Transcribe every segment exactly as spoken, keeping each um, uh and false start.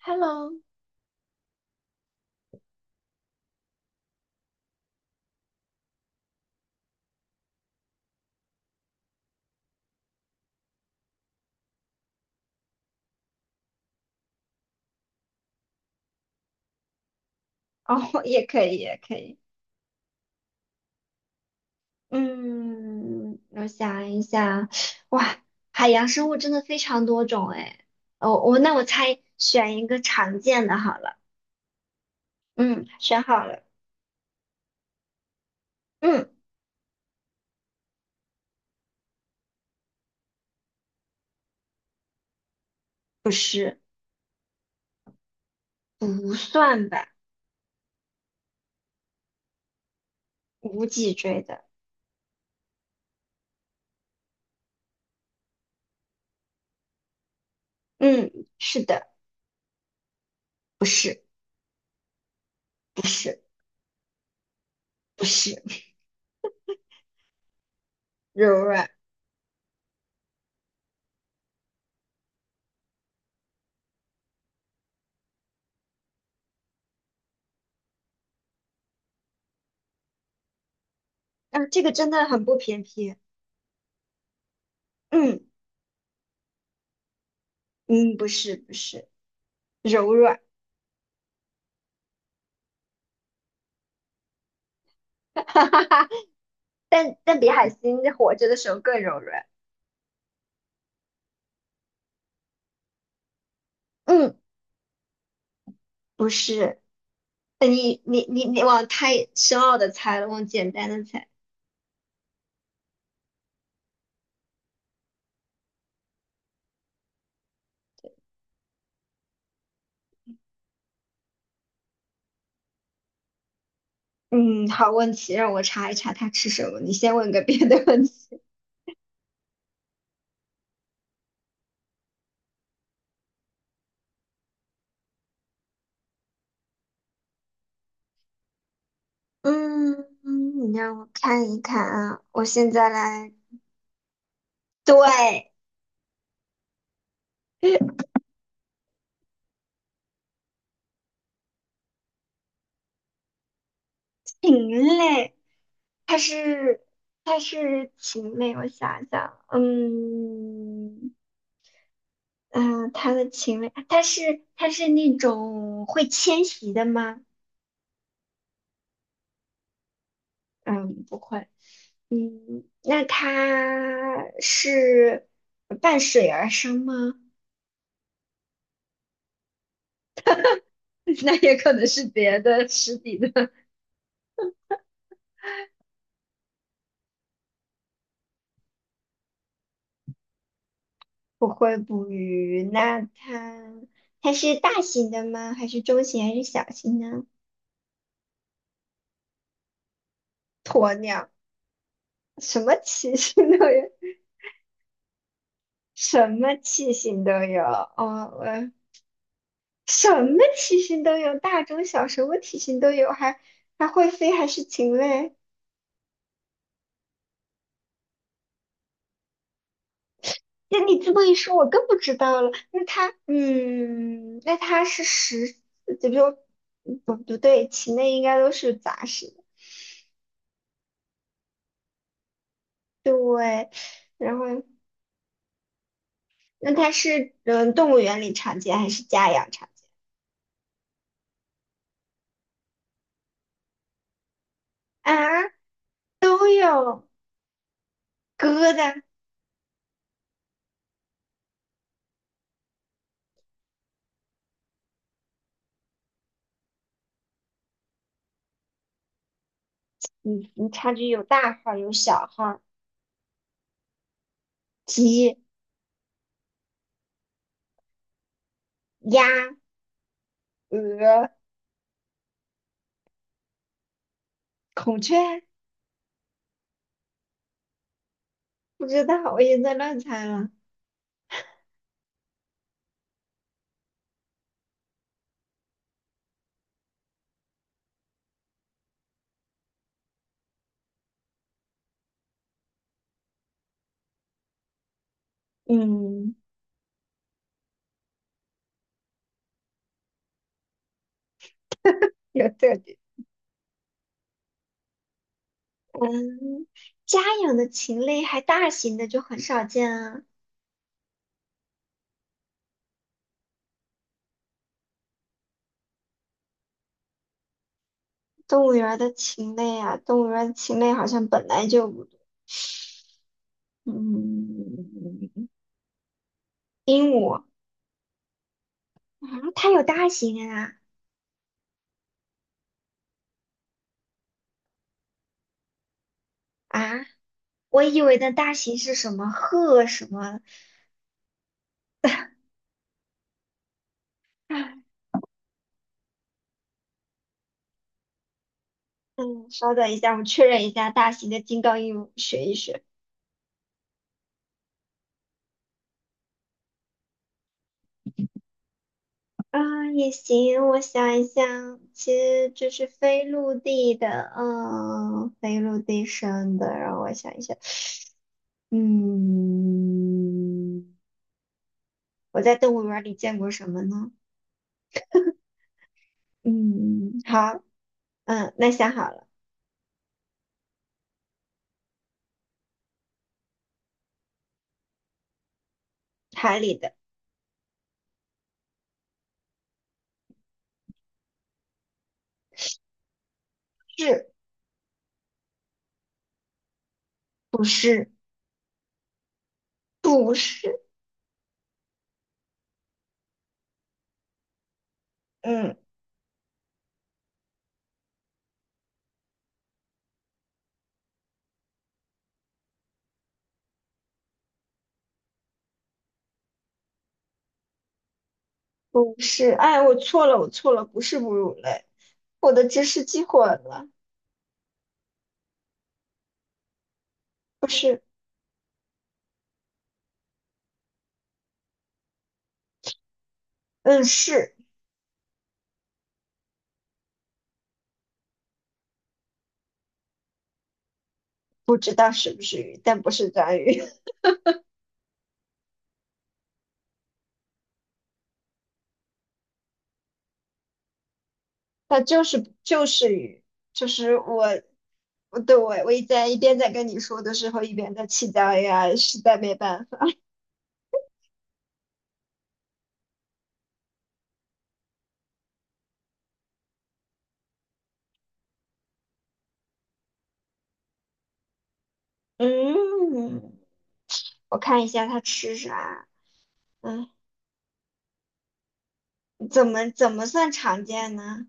Hello。哦，也可以，也可以。嗯，我想一下，哇，海洋生物真的非常多种哎。哦，我那我猜选一个常见的好了。嗯，选好了。嗯，不是，不算吧，无脊椎的。嗯，是的，不是，不是，不是，柔软。啊，这个真的很不偏僻。嗯嗯，不是，不是，柔软，哈哈哈。但但比海星活着的时候更柔软。嗯。不是，呃你你你你往太深奥的猜了，往简单的猜。嗯，好问题，让我查一查他吃什么。你先问个别的问题。嗯，嗯你让我看一看啊，我现在来。对，禽类，它是它是禽类，我想想，嗯嗯、呃它的禽类，它是它是那种会迁徙的吗？嗯，不会。嗯，那它是伴水而生吗？那也可能是别的实体的，不会捕鱼。那它它是大型的吗？还是中型？还是小型呢？鸵鸟，什么体型都有，什么体型都有。哦，我什么体型都有，大中小，什么体型都有，还还会飞，还是禽类。那你这么一说，我更不知道了。那它，嗯，那它是食，就比如，不不对，禽类应该都是杂食的，对。然后，那它是嗯动物园里常见还是家养常见？啊，都有鸽子，嗯，你差距有大号儿有小号儿鸡、鸭、鹅、孔雀，不知道，我也在乱猜了。嗯，有这嗯，家养的禽类还大型的就很少见啊。动物园儿的禽类啊，动物园儿的禽类好像本来就不多嗯，鹦鹉啊，它有大型啊啊！我以为的大型是什么鹤什么啊？嗯，稍等一下，我确认一下大型的金刚鹦鹉，学一学。啊，也行，我想一想，其实这是非陆地的，嗯，非陆地生的，让我想一想。嗯，我在动物园儿里见过什么呢？嗯，好，嗯，那想好了，海里的是不是不是？嗯，不是。哎，我错了，我错了，不是哺乳类，我的知识记混了，不是，嗯，是，不知道是不是鱼，但不是章鱼，它就是就是鱼，就是我。我对我我一在一边在跟你说的时候，一边在气到呀，实在没办法。嗯，我看一下它吃啥。嗯，怎么怎么算常见呢？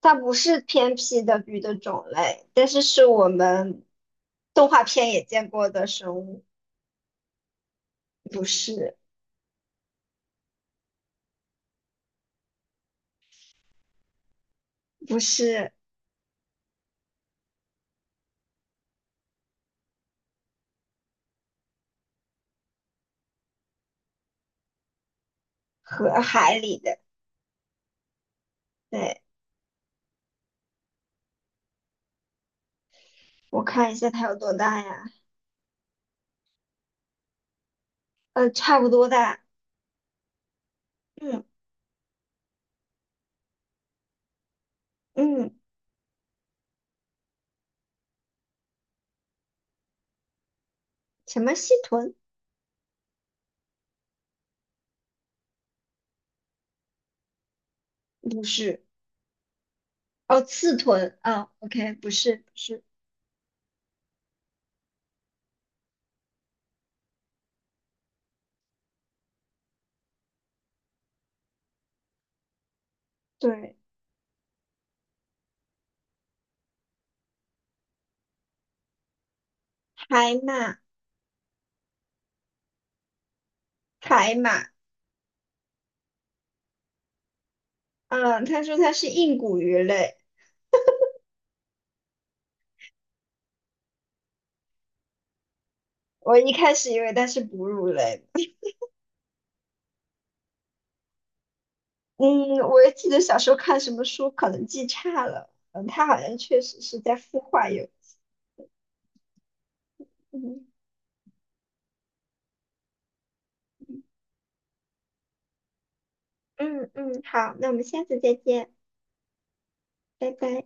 它不是偏僻的鱼的种类，但是是我们动画片也见过的生物，不是不是河海里的。对，我看一下它有多大呀？呃，差不多大。嗯嗯，什么蜥豚？不是，哦，刺豚。啊 o k 不是不是。对，海马海马。嗯，他说它是硬骨鱼类。我一开始以为它是哺乳类，嗯，我也记得小时候看什么书，可能记差了，嗯，它好像确实是在孵化有机嗯嗯嗯，好，那我们下次再见，拜拜。